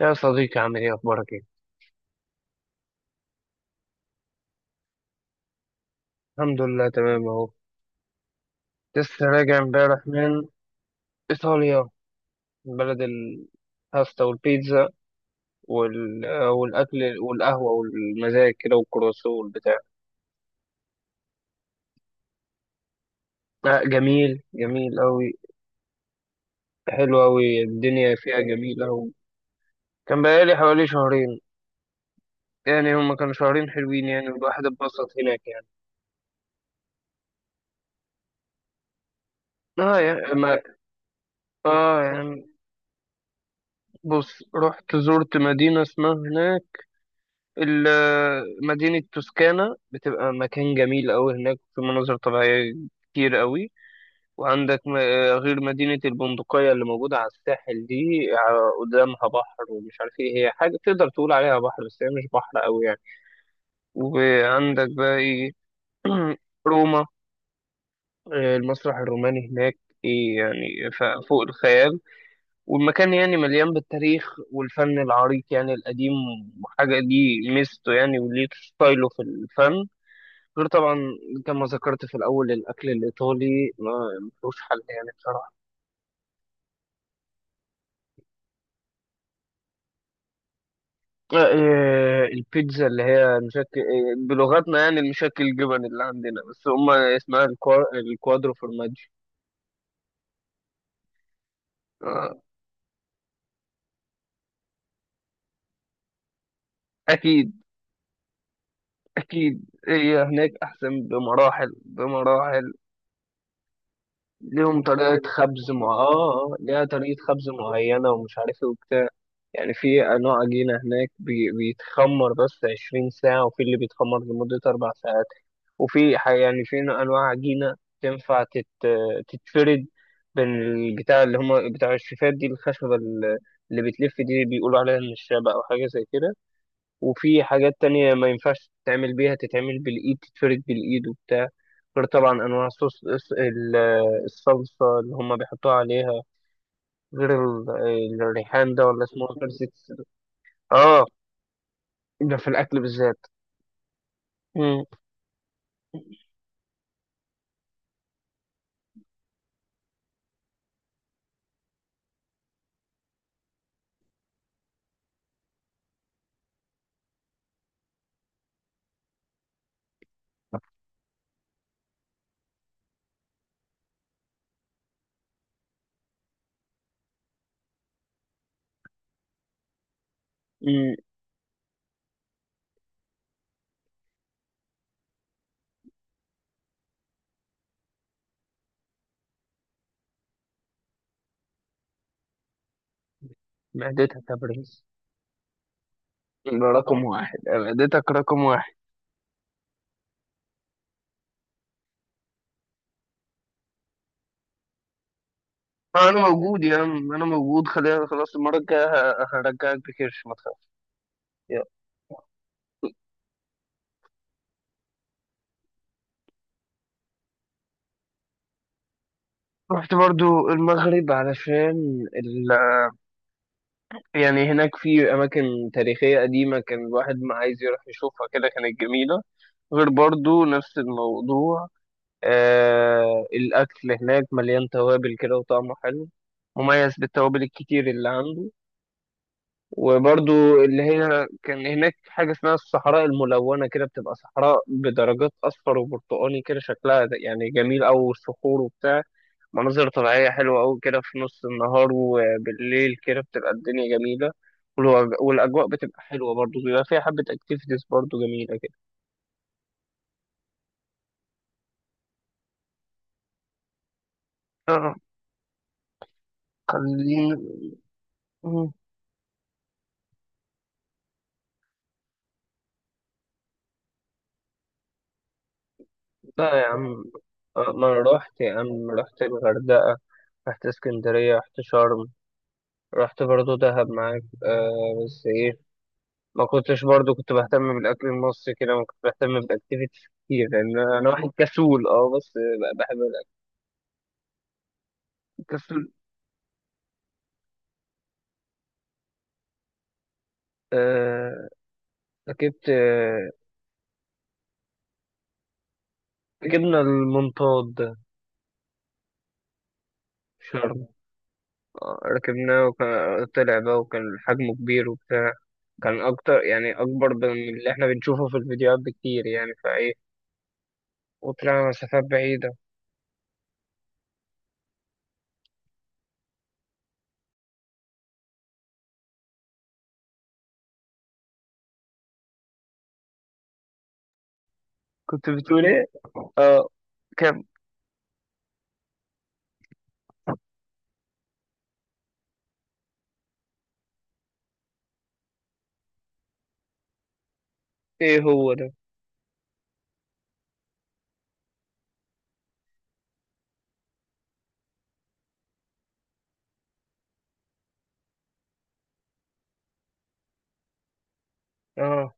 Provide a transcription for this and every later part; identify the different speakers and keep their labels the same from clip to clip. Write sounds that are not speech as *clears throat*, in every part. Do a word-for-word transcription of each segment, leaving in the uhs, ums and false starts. Speaker 1: يا صديقي، عامل ايه؟ اخبارك ايه؟ الحمد لله، تمام اهو. لسه راجع امبارح من ايطاليا، من بلد الباستا والبيتزا وال... آه، والاكل والقهوه والمزاج كده والكروسو والبتاع. لا، جميل جميل قوي. حلو قوي، الدنيا فيها جميل قوي. كان بقالي حوالي شهرين. يعني هما كانوا شهرين حلوين يعني، والواحد اتبسط هناك يعني. اه يعني ما... اه يعني، بص، رحت زرت مدينه اسمها هناك، ال- مدينة توسكانا، بتبقى مكان جميل أوي هناك، في مناظر طبيعية كتير أوي. وعندك م- آه، غير مدينة البندقية اللي موجودة على الساحل دي، ع- قدامها بحر، ومش عارف ايه هي، حاجة تقدر تقول عليها بحر بس هي مش بحر أوي يعني. وعندك بقى ايه. *clears throat* روما. آه، المسرح الروماني هناك ايه يعني، ف- فوق الخيال. والمكان يعني مليان بالتاريخ والفن العريق، يعني القديم. وحاجة دي ميزته يعني، وليه ستايله في الفن. غير طبعا، كما ذكرت في الأول، الأكل الإيطالي ما ملوش حل يعني بصراحة. آه، آه، البيتزا اللي هي مشكل، آه، بلغتنا يعني المشكل الجبن اللي عندنا، بس هما اسمها الكوا- الكوادرو فورماجي. آه، أكيد أكيد، هي هناك أحسن بمراحل بمراحل. ليهم طريقة خبز مع آه آه، ليها طريقة خبز معينة ومش عارف إيه وبتاع. يعني في نوع عجينة هناك بي- بيتخمر بس 20 ساعة، وفي اللي بيتخمر لمدة أربع ساعات. وفي ح- يعني في نوع- أنواع عجينة تنفع تت... تتفرد بين البتاع اللي هما بتاع الشيفات دي، الخشبة ال- اللي بتلف دي بيقولوا عليها النشابة أو حاجة زي كده. وفي حاجات تانية ما ينفعش تتعمل بيها، تتعمل بالإيد، تتفرد بالإيد وبتاع. غير طبعا أنواع صوص الص- ال- الصلصة اللي هما بيحطوها عليها. غير ال- الريحان ده ولا اسمه، غير زيت- اه، ده في الأكل بالذات. مم. مم. معدتك يا برنس، ده رقم واحد، معدتك رقم واحد. أنا موجود يا عم، أنا موجود، خلينا، خلاص، المرة الجاية ه- هرجعك بكرش ما تخافش. يلا. رحت برضو المغرب علشان ال... يعني هناك في أماكن تاريخية قديمة، كان الواحد ما عايز يروح يشوفها كده، كانت جميلة. غير برضو نفس الموضوع، آه الأكل هناك مليان توابل كده وطعمه حلو، مميز بالتوابل الكتير اللي عنده. وبرضو اللي هي كان هناك حاجة اسمها الصحراء الملونة كده، بتبقى صحراء بدرجات أصفر وبرتقاني كده، شكلها ده- يعني جميل أوي، والصخور وبتاع. مناظر طبيعية حلوة أوي كده في نص النهار، وبالليل كده بتبقى الدنيا جميلة. والوج- والأجواء بتبقى حلوة برضو، بيبقى فيها حبة أكتيفيتيز برضو جميلة كده. آه، خلينا. مم. لا يا عم، آه، ما أنا رحت يا عم، رحت الغردقة، رحت اسكندرية، رحت شرم، رحت برضو دهب معاك. آه، بس إيه، ما كنتش برضو كنت بهتم بالاكل المصري كده، ما كنت بهتم بالاكتيفيتيز كتير، لان انا واحد كسول، اه، بس ب- بحب الاكل. كسول. آه، ركبت، آه ركبنا المنطاد ده في شرم. آه، ركبناه وكان طلع بقى، وكان حجمه كبير وبتاع. كان اكتر، يعني اكبر من اللي احنا بنشوفه في الفيديوهات بكتير يعني، فايه. وطلعنا مسافات بعيدة. كنت بتقول ايه؟ اه. كم؟ ايه هو ده؟ اه.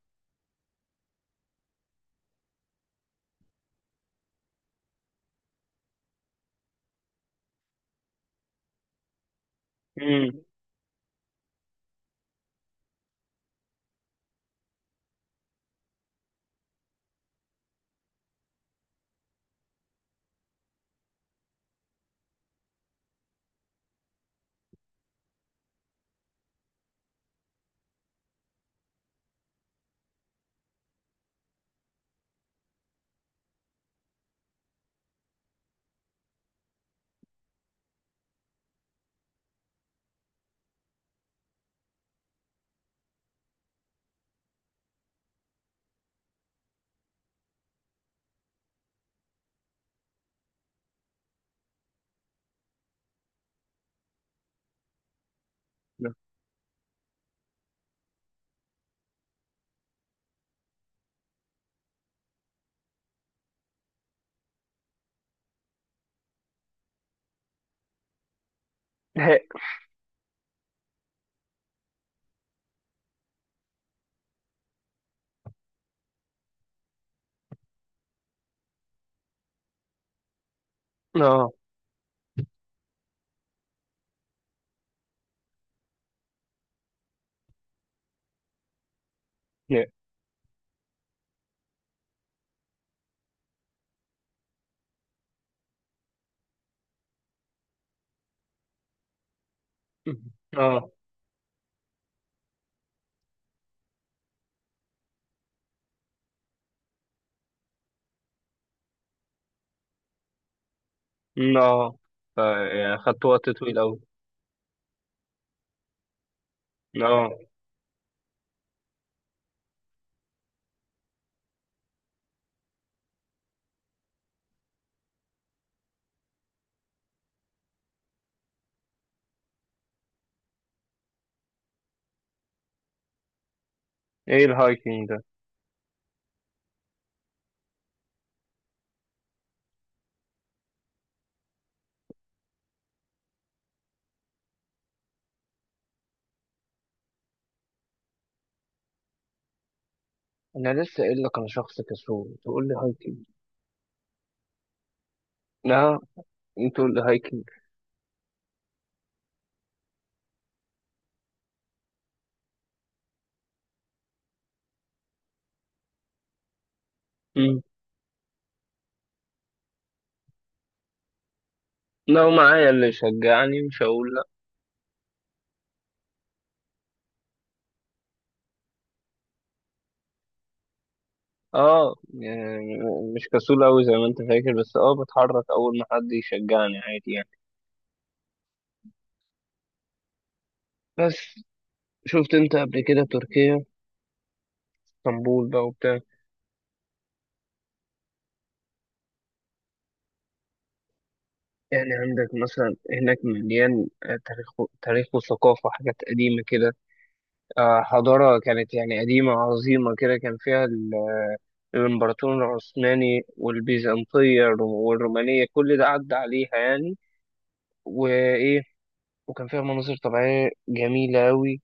Speaker 1: امم. لا. اه. لا. اه. مم، اه. ف- يعني خدت وقت طويل أوي. اه. ايه الهايكنج ده؟ انا لسه قايل لك انا شخص كسول، تقول لي هايكنج. لا، انت تقول لي هايكنج. مم. لو معايا اللي يشجعني مش هقول لا. اه يعني، مش كسول أوي زي ما انت فاكر، بس اه بتحرك اول ما حد يشجعني عادي يعني. بس، شفت انت قبل كده تركيا، اسطنبول بقى وبتاع؟ يعني عندك مثلا هناك مليان آه، تاريخ، تاريخ وثقافة، حاجات قديمة كده. آه، حضارة كانت يعني قديمة عظيمة كده، كان فيها ال- الإمبراطور العثماني والبيزنطية والرومانية، كل ده عدى عليها يعني. وإيه، وكان فيها مناظر طبيعية جميلة أوي،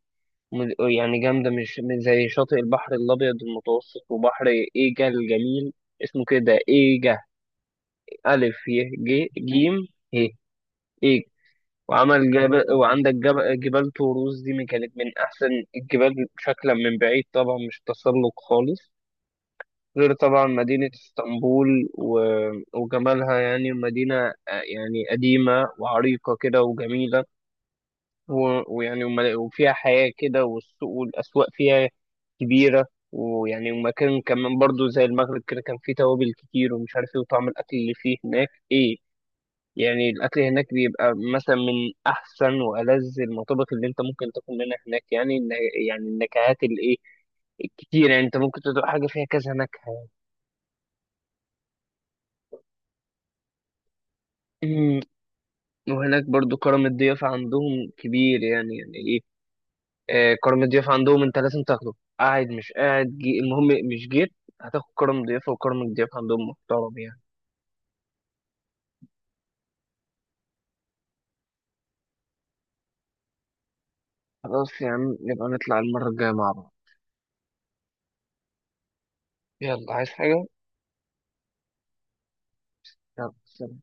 Speaker 1: من- يعني جامدة، مش من زي شاطئ البحر الأبيض المتوسط، وبحر إيجا الجميل. اسمه كده إيجا، ألف ي ج جيم ه، إيجا. وعمل جبل، وعندك جبل، جبال طوروس دي من- كانت من أحسن الجبال شكلا من بعيد، طبعا مش تسلق خالص. غير طبعا مدينة اسطنبول و- وجمالها، يعني مدينة آه، يعني قديمة وعريقة كده وجميلة، و- ويعني وم- وفيها حياة كده، والسوق والأسواق فيها كبيرة. ويعني، ومكان كمان برضو زي المغرب كده، كان فيه توابل كتير ومش عارف ايه، وطعم الأكل اللي فيه هناك ايه. يعني الأكل هناك بيبقى مثلا من أحسن وألذ المطابخ اللي أنت ممكن تاكل منها هناك. يعني الن- يعني النكهات الإيه، الكتير، يعني أنت ممكن تدوق حاجة فيها كذا نكهة. وهناك برضو كرم الضيافة عندهم كبير، يعني يعني ايه، آه، كرم الضيافة عندهم انت لازم تاخده، قاعد مش قاعد، جي، المهم، مش جيت، هتاخد كرم ضيافة، وكرم الضيافة عندهم محترم يعني. خلاص يا عم، نبقى نطلع المرة الجاية مع بعض. يلا، عايز حاجة؟ يلا، سلام.